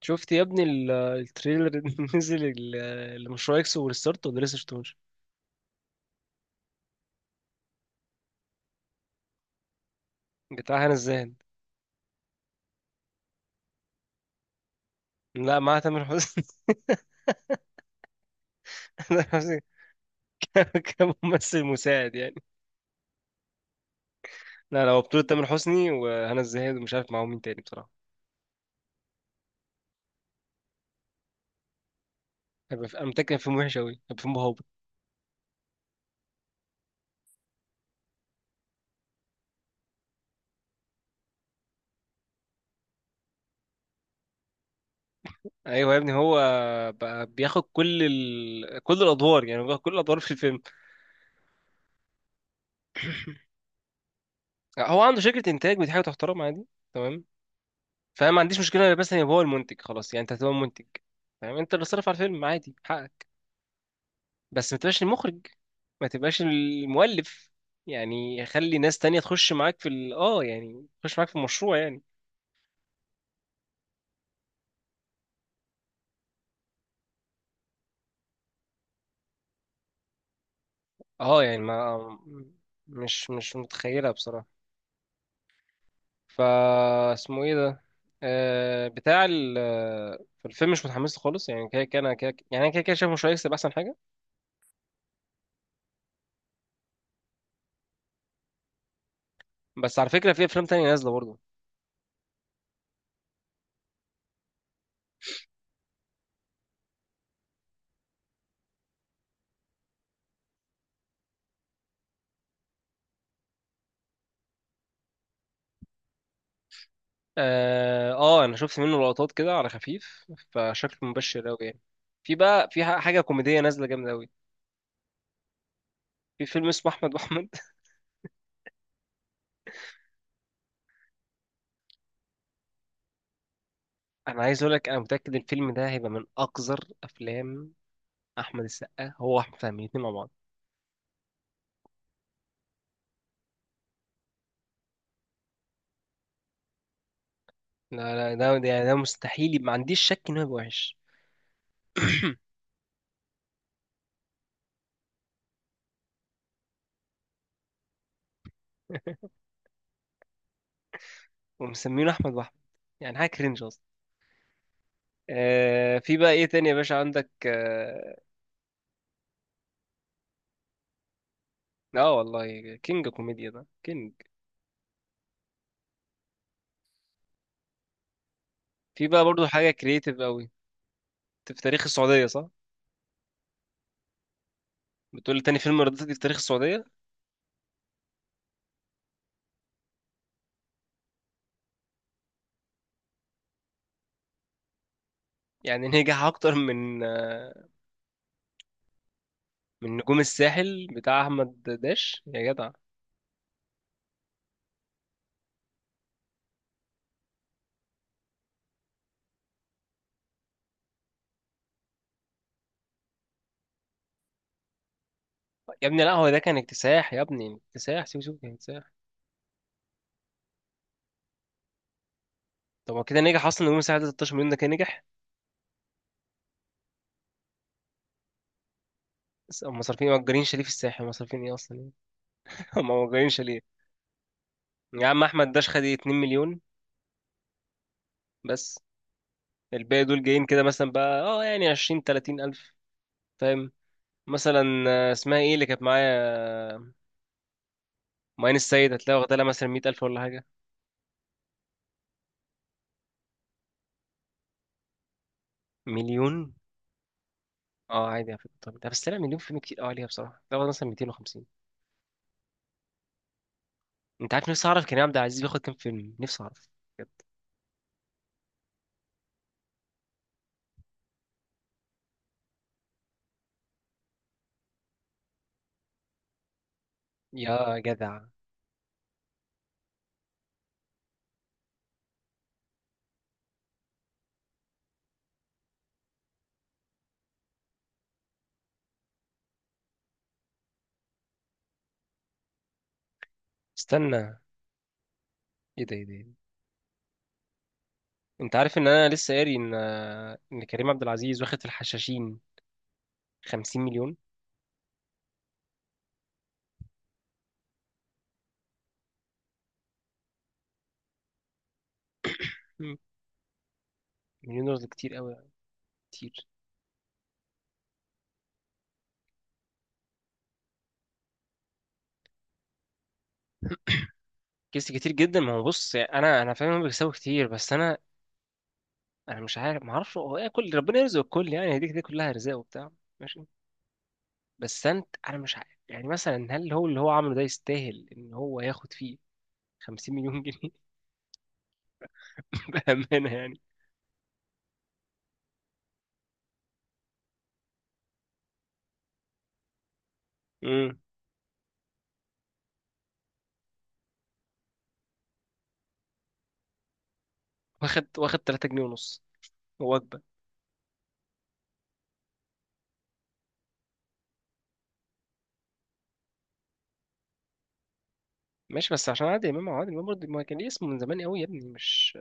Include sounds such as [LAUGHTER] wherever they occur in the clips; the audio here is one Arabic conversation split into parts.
شفت يا ابني التريلر اللي [LAUGHS] نزل لمشروع اكس وريستارت، ولا لسه شفتوش؟ بتاع هنا الزاهد. لا، مع تامر حسني. [LAUGHS] تامر حسني كممثل مساعد يعني. لا، لا، هو بطولة تامر حسني وهنا الزاهد، ومش عارف معاهم مين تاني بصراحة. انا متأكد إن فيلم وحش أوي، هيبقى فيلم هابط. ايوه يا ابني، هو بقى بياخد كل الادوار، يعني بياخد كل الادوار في الفيلم. [LAUGHS] هو عنده شركة انتاج، ودي حاجة تحترم عادي. تمام. فاهم، ما عنديش مشكله، بس يبقى هو المنتج خلاص، يعني انت هتبقى المنتج. فاهم، انت اللي صرف على الفيلم، عادي حقك. بس ما تبقاش المخرج. ما تبقاش المؤلف. يعني خلي ناس تانية تخش معاك في ال... اه يعني تخش معاك في المشروع يعني. اه يعني ما مش متخيلها بصراحة. فا اسمه ايه ده؟ آه بتاع ال في الفيلم مش متحمس له خالص، يعني كده كده انا كده، يعني انا كده كده شايف مش هيكسب احسن حاجة. بس على فكرة، في افلام تانية نازلة برضه. اه، آه، انا شفت منه لقطات كده على خفيف، فشكله مبشر قوي يعني. في بقى، حاجه كوميديه نازله جامده قوي. في فيلم اسمه احمد واحمد. [LAUGHS] انا عايز اقول لك، انا متاكد الفيلم ده هيبقى من اقذر افلام. احمد السقا هو واحمد فهمي الاثنين مع بعض. لا، لا، يعني ده مستحيل، ما عنديش شك انه هيبقى وحش. [LAUGHS] [COUGHS] ومسمينه احمد واحمد. يعني حاجه كرنج اصلا. في بقى ايه تاني يا باشا عندك، اه؟ آه، والله كينج كوميديا ده كينج. في بقى برضو حاجه كرييتيف قوي. في تاريخ السعوديه، صح؟ بتقول تاني فيلم رديف في تاريخ السعودية؟ يعني نجح أكتر من نجوم الساحل بتاع أحمد داش يا جدع. يا ابني، لا، هو ده كان اكتساح، يا ابني اكتساح، سيب سيب كان اكتساح. طب هو كده نجح أصلا، نجوم الساحل ده 16 مليون، ده كان نجح. بس هم صارفين إيه؟ مأجرين شاليه في الساحل، هم صارفين إيه أصلا؟ [LAUGHS] هم مأجرين شاليه. يا عم أحمد داش خد 2 مليون. بس. الباقي دول جايين كده مثلا بقى، يعني 20 30 ألف. فاهم. مثلا اسمها ايه اللي كانت معايا؟ ماين السيد، هتلاقي واخدها لها مثلا 100 ألف ولا حاجة. مليون؟ اه، عادي على فكره، طب ده بس طلع مليون فيلم كتير قوي عليها بصراحه، ده هو مثلا 250. انت عارف، نفسي اعرف كريم عبد العزيز بياخد كام فيلم، نفسي اعرف. بجد. يا جدع. استنى. ايه ده؟ ايه ده؟ إيه ده؟ انت عارف ان انا لسه قاري ان كريم عبد العزيز واخد في الحشاشين 50 مليون. مم. مليون دولار ده كتير قوي. كتير. كيس كتير جدا، ما هو بص، يعني انا فاهم إنهم بيكسبوا كتير، بس انا مش عارف، ما اعرفش هو ايه، كل ربنا يرزق الكل، يعني هديك دي كلها ارزاق وبتاع. ماشي. بس انا مش عارف، يعني مثلا هل هو اللي هو عمله ده يستاهل ان هو ياخد فيه 50 مليون جنيه؟ [LAUGHS] بأمانة يعني. امم. واخد 3 جنيه ونص، وجبة. ماشي، بس عشان عادل امام برضه ما كان ليه اسمه من زمان قوي يا ابني، مش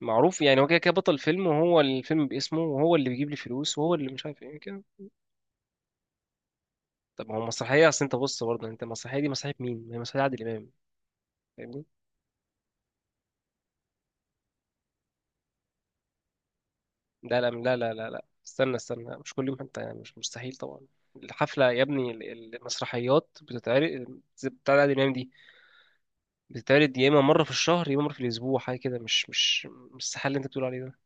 معروف. يعني هو كده كده بطل فيلم، وهو الفيلم باسمه، وهو اللي بيجيب لي فلوس، وهو اللي مش عارف ايه كده. طب ما هو مسرحية، اصل انت بص برضه، انت المسرحية دي مسرحية مين؟ ما هي مسرحية عادل امام، فاهمني؟ لا، لا، لا، لا، لا، لا، استنى، استنى، مش كل يوم حتى، يعني مش مستحيل طبعا. الحفلة يا ابني، المسرحيات بتتعرض بتاع عادل امام دي. بتتعرض يا اما مره في الشهر، يا اما مره في الاسبوع، حاجه كده، مش السحال اللي انت بتقول عليه ده.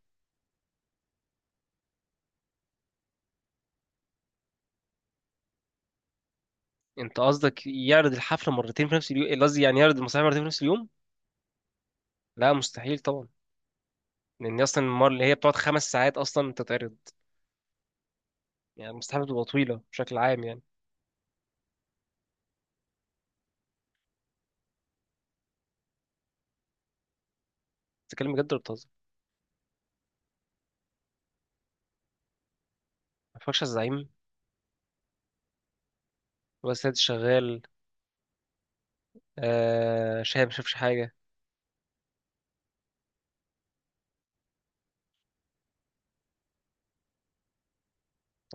انت قصدك يعرض الحفله مرتين في نفس اليوم، قصدي يعني يعرض المسرحيه مرتين في نفس اليوم؟ لا، مستحيل طبعا. لان اصلا المره اللي هي بتقعد 5 ساعات اصلا تتعرض. يعني المستحيل بتبقى طويله بشكل عام يعني. بتتكلم بجد ولا بتهزر؟ ما اتفرجش على الزعيم؟ ولا سيد الشغال؟ آه، شاهد ما شافش حاجه.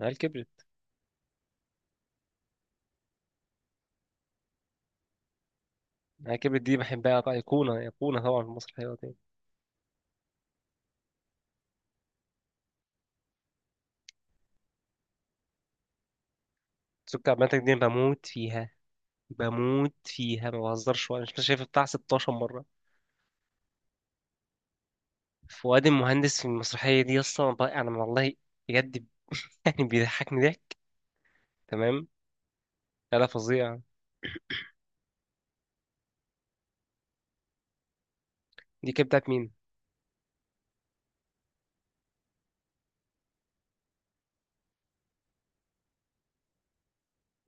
عيال كبرت. عيال كبرت دي بحبها بقى، ايقونه، ايقونه طبعا في مصر الحلوه دي. سكر عمالتك دي بموت فيها. بموت فيها ما بهزرش، وانا مش شايف بتاع 16 مره. فؤاد المهندس في المسرحية دي أصلا، أنا والله، بجد، [LAUGHS] يعني بيضحكني ضحك. تمام. لا، لا، فظيعة. دي كانت بتاعت مين؟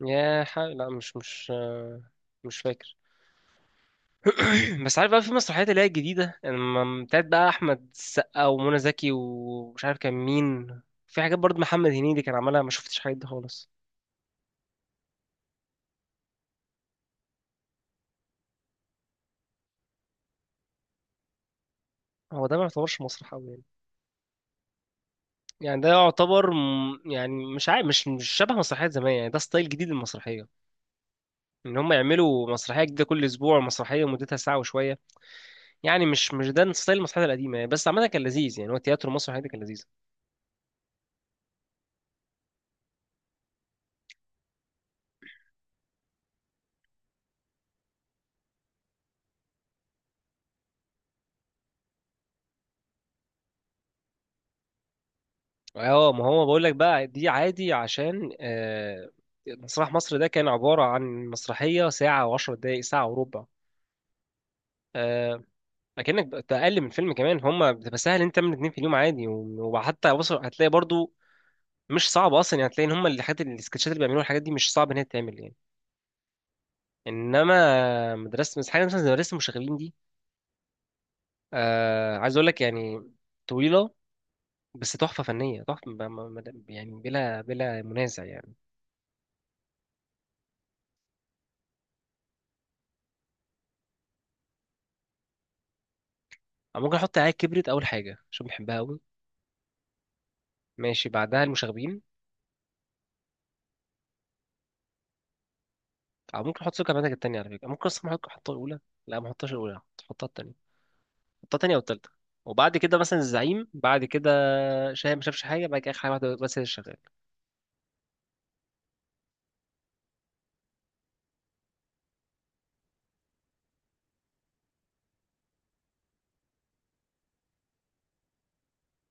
لا، مش فاكر. [CLEARS THROAT] بس عارف بقى، في مسرحيات اللي هي الجديدة لما بتاعت بقى أحمد السقا ومنى زكي ومش عارف كان مين. في حاجات برضه محمد هنيدي كان عملها، ما شفتش حاجات دي خالص. هو ده ما يعتبرش مسرح أوي يعني. يعني ده يعتبر، يعني مش عارف، مش شبه مسرحيات زمان، يعني ده ستايل جديد للمسرحية. ان هم يعملوا مسرحيه جديده كل اسبوع، مسرحيه مدتها ساعه وشويه. يعني مش ده ستايل المسرحيات القديمه يعني، بس عامه كان لذيذ، يعني هو التياترو المسرحي ده كان لذيذ. اه، ما هو بقول لك بقى دي عادي عشان مسرح مصر ده كان عباره عن مسرحيه ساعه وعشر دقائق، ساعه وربع. آه اكنك اقل من فيلم كمان، هم بتبقى سهل انت تعمل اتنين في اليوم عادي، وحتى وصل هتلاقي برضو. مش صعب اصلا، يعني هتلاقي ان هم الحاجات السكتشات اللي بيعملوها الحاجات دي مش صعب ان هي تتعمل يعني. انما مدرسه حاجه مثلا زي مدرسه المشاغبين دي. آه، عايز اقول لك يعني. طويله. بس تحفه فنيه تحفه، يعني بلا منازع يعني. او ممكن احط عاد كبرت اول حاجه عشان بحبها قوي. ماشي، بعدها المشاغبين. او ممكن احط سكر بناتك التانية، على فكره ممكن اصلا ممكن احطها الاولى. لا، ما احطهاش الاولى. احطها التانية. احطها التانية او التالتة. وبعد كده مثلا الزعيم، بعد كده. شاهد ما شافش حاجه، بعد كده اخر حاجه واحده بس هي اللي شغال.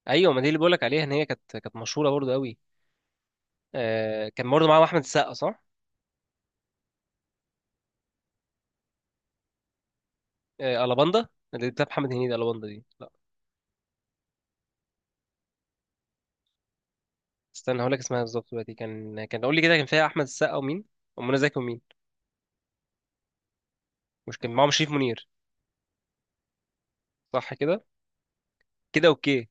ايوه، ما دي اللي بقول لك عليها ان هي كانت مشهوره برضو قوي. آه، كان برضو معاهم احمد السقا، صح؟ آه، الاباندا. اللي بتاع محمد هنيدي، الاباندا دي. استنى، هقول لك اسمها بالظبط دلوقتي، كان قول لي كده، كان فيها احمد السقا ومين؟ ومنى زكي ومين؟ مش كان معاهم شريف منير؟ صح كده؟ كده، اوكي.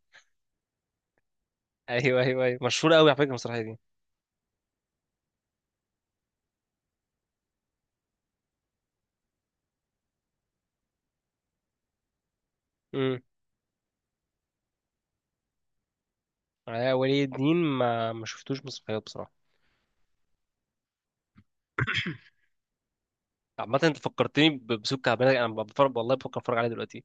ايوه، ايوه، ايوه، مشهوره قوي على فكره المسرحيه دي. امم. ولي الدين ما شفتوش مسرحيات بصراحه. عامة انت فكرتني بسوق كعبان، انا بفرج والله، بفكر اتفرج عليها دلوقتي.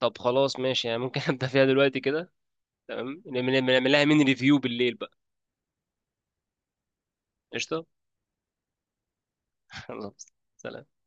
طب خلاص ماشي، يعني ممكن [LAUGHS] ابدا فيها دلوقتي كده. تمام، نعمل لها من ريفيو بالليل بقى. قشطه. [LAUGHS] خلاص. سلام.